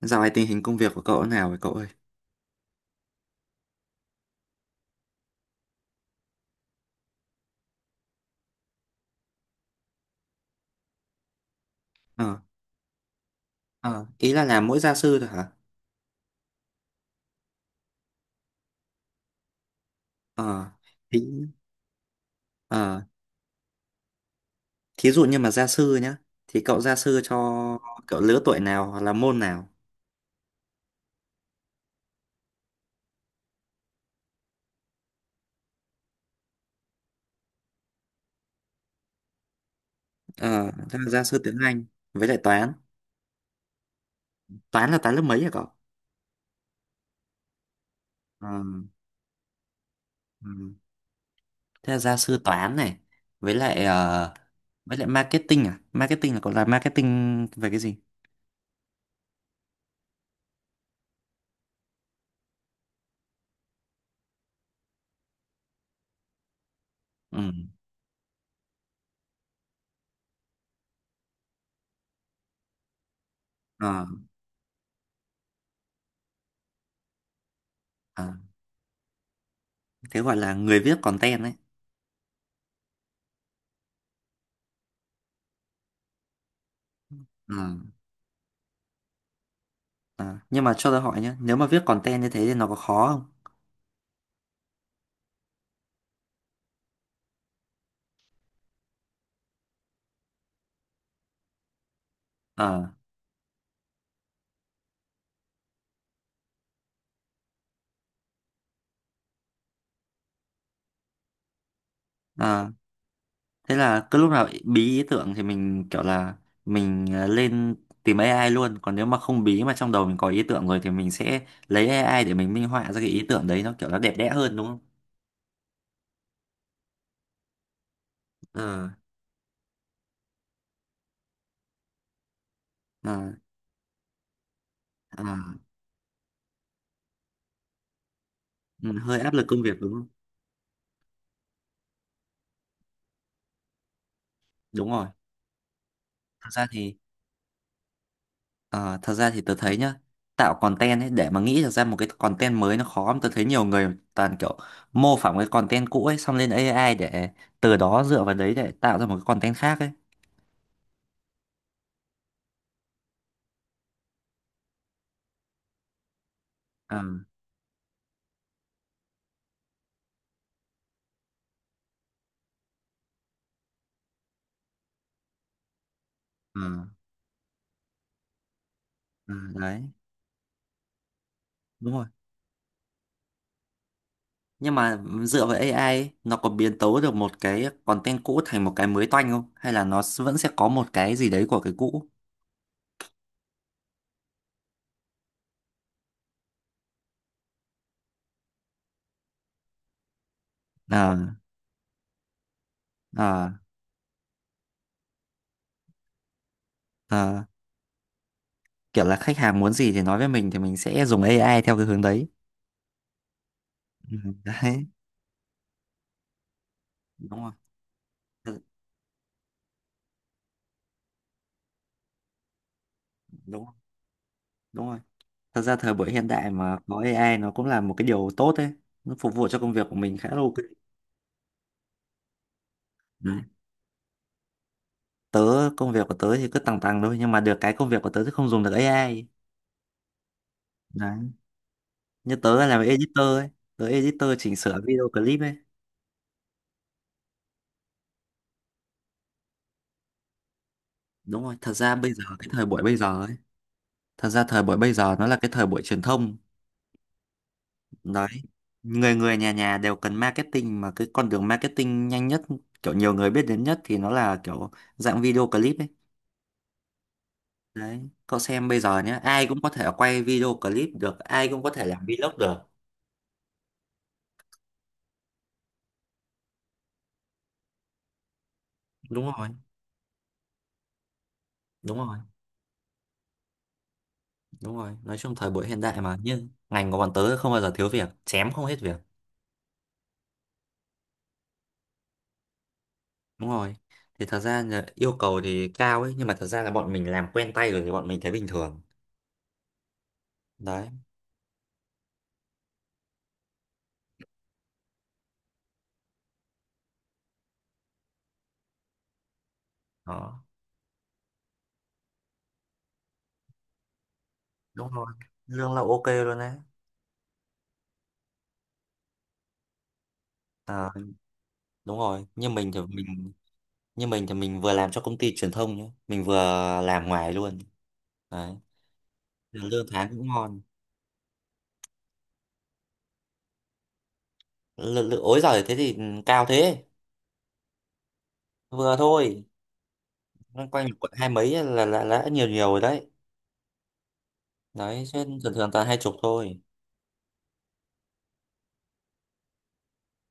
Dạo này tình hình công việc của cậu thế nào vậy cậu ơi? Ờ, ờ, ý là làm mỗi gia sư thôi hả? Ờ, thí, ờ, thí dụ như mà gia sư nhá, thì cậu gia sư cho cậu lứa tuổi nào hoặc là môn nào? Ờ, thế là gia sư tiếng Anh với lại toán. Toán là toán lớp mấy hả cậu? Ờ, ừ. Thế là gia sư toán này với lại ờ, với lại marketing à? Marketing là cậu làm marketing về cái gì? Ừ. Ờ, ờ, thế gọi là người viết content đấy. À, nhưng mà cho tôi hỏi nhé, nếu mà viết content như thế thì nó có khó không? Ờ, à, thế là cứ lúc nào bí ý tưởng thì mình kiểu là mình lên tìm AI luôn, còn nếu mà không bí mà trong đầu mình có ý tưởng rồi thì mình sẽ lấy AI để mình minh họa ra cái ý tưởng đấy nó kiểu nó đẹp đẽ hơn đúng không? Ờ, à, à, ừ, hơi áp lực công việc đúng không? Đúng rồi. Thật ra thì Ờ, thật ra thì tớ thấy nhá, tạo content ấy để mà nghĩ được ra một cái content mới nó khó lắm, tớ thấy nhiều người toàn kiểu mô phỏng cái content cũ ấy xong lên AI để từ đó dựa vào đấy để tạo ra một cái content khác ấy. ờ ờ ờ, Đấy, đúng rồi. Nhưng mà dựa vào AI ấy, nó có biến tấu được một cái content cũ thành một cái mới toanh không hay là nó vẫn sẽ có một cái gì đấy của cái cũ? ờ ờ ờ Kiểu là khách hàng muốn gì thì nói với mình thì mình sẽ dùng AI theo cái hướng đấy. Ừ, đấy, đúng rồi. Ừ, đúng rồi. Đúng rồi, thật ra thời buổi hiện đại mà có AI nó cũng là một cái điều tốt đấy, nó phục vụ cho công việc của mình khá là ok. Đấy. Tớ, công việc của tớ thì cứ tằng tằng thôi nhưng mà được cái công việc của tớ thì không dùng được AI. Đấy, như tớ làm editor ấy, tớ editor chỉnh sửa video clip ấy. Đúng rồi, thật ra bây giờ cái thời buổi bây giờ ấy, thật ra thời buổi bây giờ nó là cái thời buổi truyền thông. Đấy, người người nhà nhà đều cần marketing, mà cái con đường marketing nhanh nhất, kiểu nhiều người biết đến nhất thì nó là kiểu dạng video clip ấy. Đấy, cậu xem bây giờ nhé, ai cũng có thể quay video clip được, ai cũng có thể làm vlog được. Đúng rồi, đúng rồi, đúng rồi. Nói chung thời buổi hiện đại mà, nhưng ngành của bọn tớ không bao giờ thiếu việc, chém không hết việc. Đúng rồi. Thì thật ra là yêu cầu thì cao ấy, nhưng mà thật ra là bọn mình làm quen tay rồi thì bọn mình thấy bình thường. Đấy, đó. Đúng rồi. Lương là ok luôn đấy. À, đúng rồi, như mình thì mình vừa làm cho công ty truyền thông nhé, mình vừa làm ngoài luôn. Đấy, lương tháng cũng ngon. Ối giời, thế thì cao thế. Vừa thôi, loanh quanh quận hai mấy là đã nhiều nhiều rồi đấy. Đấy chứ thường thường toàn 20 thôi.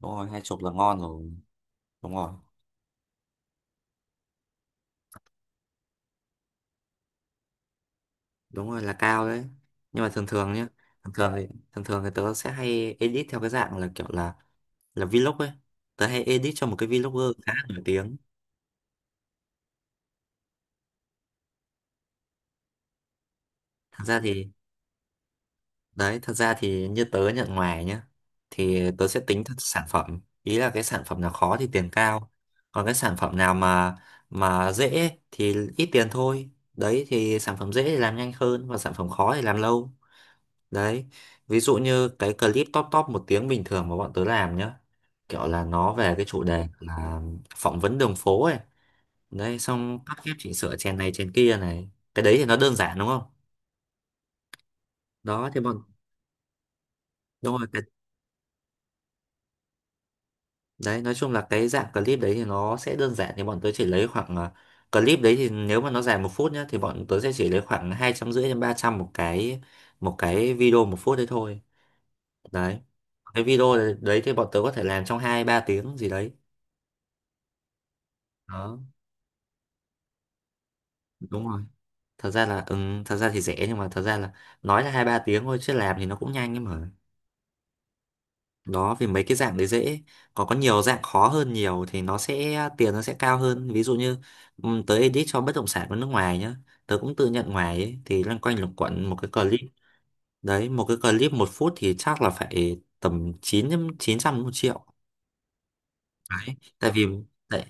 Đúng rồi, 20 là ngon rồi. Đúng rồi, đúng rồi, là cao đấy. Nhưng mà thường thường nhá, thường thường thì, thường thường thì tớ sẽ hay edit theo cái dạng là kiểu là vlog ấy. Tớ hay edit cho một cái vlogger khá là nổi tiếng. Thật ra thì, đấy, thật ra thì như tớ nhận ngoài nhá, thì tớ sẽ tính theo sản phẩm. Ý là cái sản phẩm nào khó thì tiền cao. Còn cái sản phẩm nào mà dễ thì ít tiền thôi. Đấy thì sản phẩm dễ thì làm nhanh hơn và sản phẩm khó thì làm lâu. Đấy. Ví dụ như cái clip top top 1 tiếng bình thường mà bọn tớ làm nhá. Kiểu là nó về cái chủ đề là phỏng vấn đường phố ấy. Đấy, xong cắt ghép chỉnh sửa chèn này chèn kia này. Cái đấy thì nó đơn giản đúng không? Đó thì đúng rồi. Đấy, nói chung là cái dạng clip đấy thì nó sẽ đơn giản thì bọn tớ chỉ lấy clip đấy thì nếu mà nó dài 1 phút nhá thì bọn tớ sẽ chỉ lấy khoảng 250 đến 300 một cái video 1 phút đấy thôi. Đấy. Cái video đấy đấy thì bọn tớ có thể làm trong hai ba tiếng gì đấy. Đó, đúng rồi. Thật ra là ừ, Thật ra thì rẻ nhưng mà thật ra là nói là hai ba tiếng thôi chứ làm thì nó cũng nhanh ấy mà. Đó vì mấy cái dạng đấy dễ, còn có nhiều dạng khó hơn nhiều thì nó sẽ tiền nó sẽ cao hơn, ví dụ như tớ edit cho bất động sản của nước ngoài nhá. Tớ cũng tự nhận ngoài ấy, thì loanh quanh luẩn quẩn một cái clip một phút thì chắc là phải tầm chín 900 1.000.000. Đấy tại vì, tại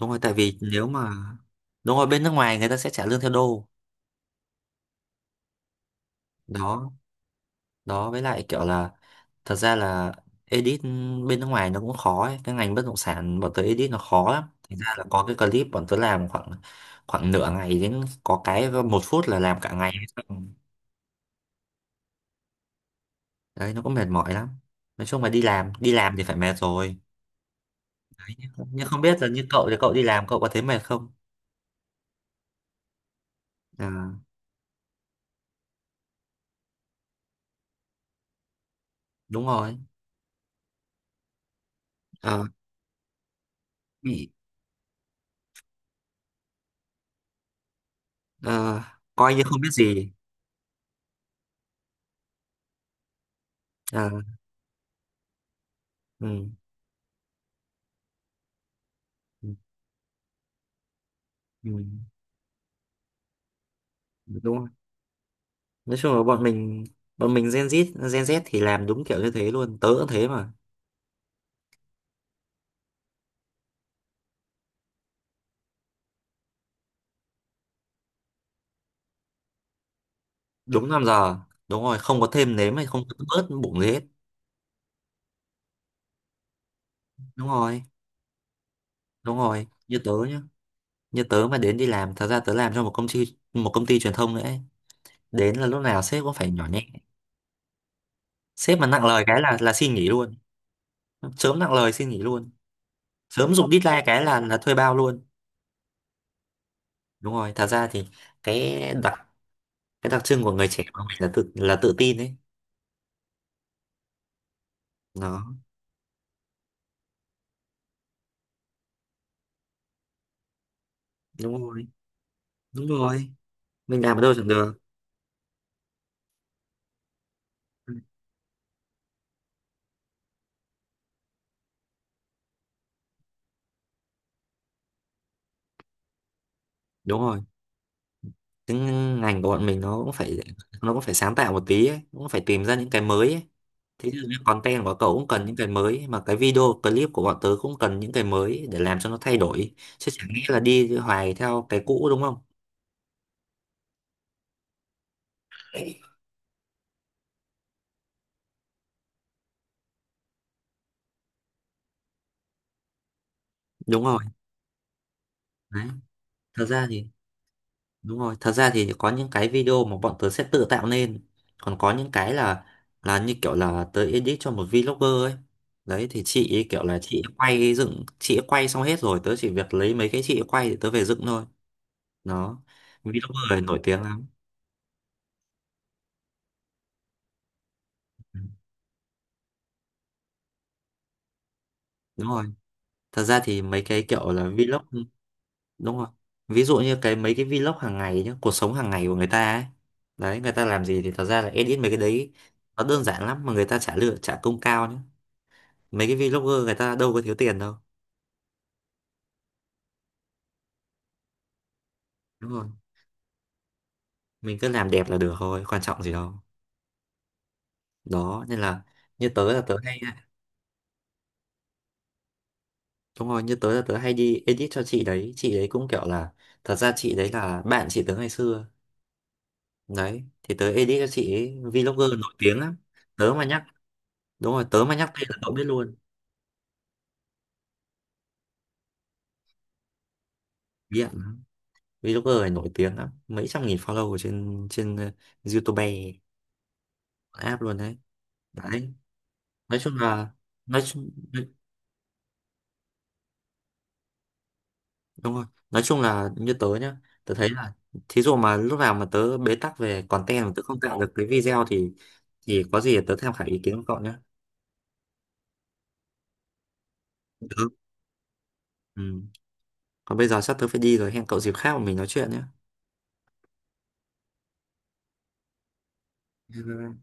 đúng rồi, tại vì nếu mà, đúng rồi, bên nước ngoài người ta sẽ trả lương theo đô. Đó, đó, với lại kiểu là, thật ra là edit bên nước ngoài nó cũng khó ấy. Cái ngành bất động sản bọn tớ edit nó khó lắm, thành ra là có cái clip bọn tớ làm khoảng, nửa ngày đến có cái 1 phút là làm cả ngày. Đấy nó cũng mệt mỏi lắm. Nói chung là đi làm thì phải mệt rồi. Nhưng không biết là như cậu thì cậu đi làm cậu có thấy mệt không? À, đúng rồi. Ờ, bị ờ, coi như không biết gì. À, ừ, ừ, ừ, đúng. Nói chung là bọn mình Gen Z Gen Z thì làm đúng kiểu như thế luôn, tớ cũng thế mà. Đúng 5 giờ, đúng rồi, không có thêm nếm hay không có bớt bụng gì hết. Đúng rồi, đúng rồi, như tớ nhá. Như tớ mà đến đi làm thật ra tớ làm cho một công ty truyền thông nữa ấy. Đến là lúc nào sếp cũng phải nhỏ nhẹ. Sếp mà nặng lời cái là xin nghỉ luôn. Sớm nặng lời xin nghỉ luôn. Sớm giục deadline cái là thuê bao luôn. Đúng rồi, thật ra thì cái đặc cái đặc trưng của người trẻ của mình là tự tin ấy. nó Đúng rồi, đúng rồi, mình làm ở đâu chẳng được. Đúng rồi, cái ngành của bọn mình nó cũng phải sáng tạo một tí ấy. Cũng phải tìm ra những cái mới ấy. Thế thì cái content của cậu cũng cần những cái mới, mà cái video clip của bọn tớ cũng cần những cái mới để làm cho nó thay đổi chứ chẳng nghĩa là đi hoài theo cái cũ đúng không? Đúng rồi, đấy, thật ra thì, đúng rồi, thật ra thì có những cái video mà bọn tớ sẽ tự tạo nên. Còn có những cái là như kiểu là tớ edit cho một vlogger ấy. Đấy thì chị ấy kiểu là chị ấy quay dựng, chị ấy quay xong hết rồi, tớ chỉ việc lấy mấy cái chị ấy quay để tớ về dựng thôi. Đó. Vlogger này nổi tiếng lắm. Ừ, đúng rồi. Thật ra thì mấy cái kiểu là vlog, đúng rồi, ví dụ như mấy cái vlog hàng ngày nhá, cuộc sống hàng ngày của người ta ấy. Đấy người ta làm gì thì thật ra là edit mấy cái đấy. Nó đơn giản lắm mà người ta trả lương trả công cao nhá. Mấy cái vlogger người ta đâu có thiếu tiền đâu, đúng không? Mình cứ làm đẹp là được thôi, quan trọng gì đâu. Đó nên là, như tớ là tớ hay đúng rồi, như tớ là tớ hay đi edit cho Chị đấy cũng kiểu là, thật ra chị đấy là bạn chị tớ ngày xưa. Đấy thì tớ edit cho chị ấy, vlogger nổi tiếng lắm. Tớ mà nhắc Đúng rồi, tớ mà nhắc tên là cậu biết luôn. Nghiện lắm. Vlogger này nổi tiếng lắm, mấy trăm nghìn follow ở trên trên YouTube app luôn đấy. Đấy, nói chung là, nói chung đúng rồi, nói chung là như tớ nhá, tớ thấy là, thí dụ mà lúc nào mà tớ bế tắc về content mà tớ không tạo được cái video thì có gì tớ tham khảo ý kiến của cậu nhé. tớ ừ. Còn bây giờ sắp tớ phải đi rồi, hẹn cậu dịp khác mà mình nói chuyện nhé. Bye bye.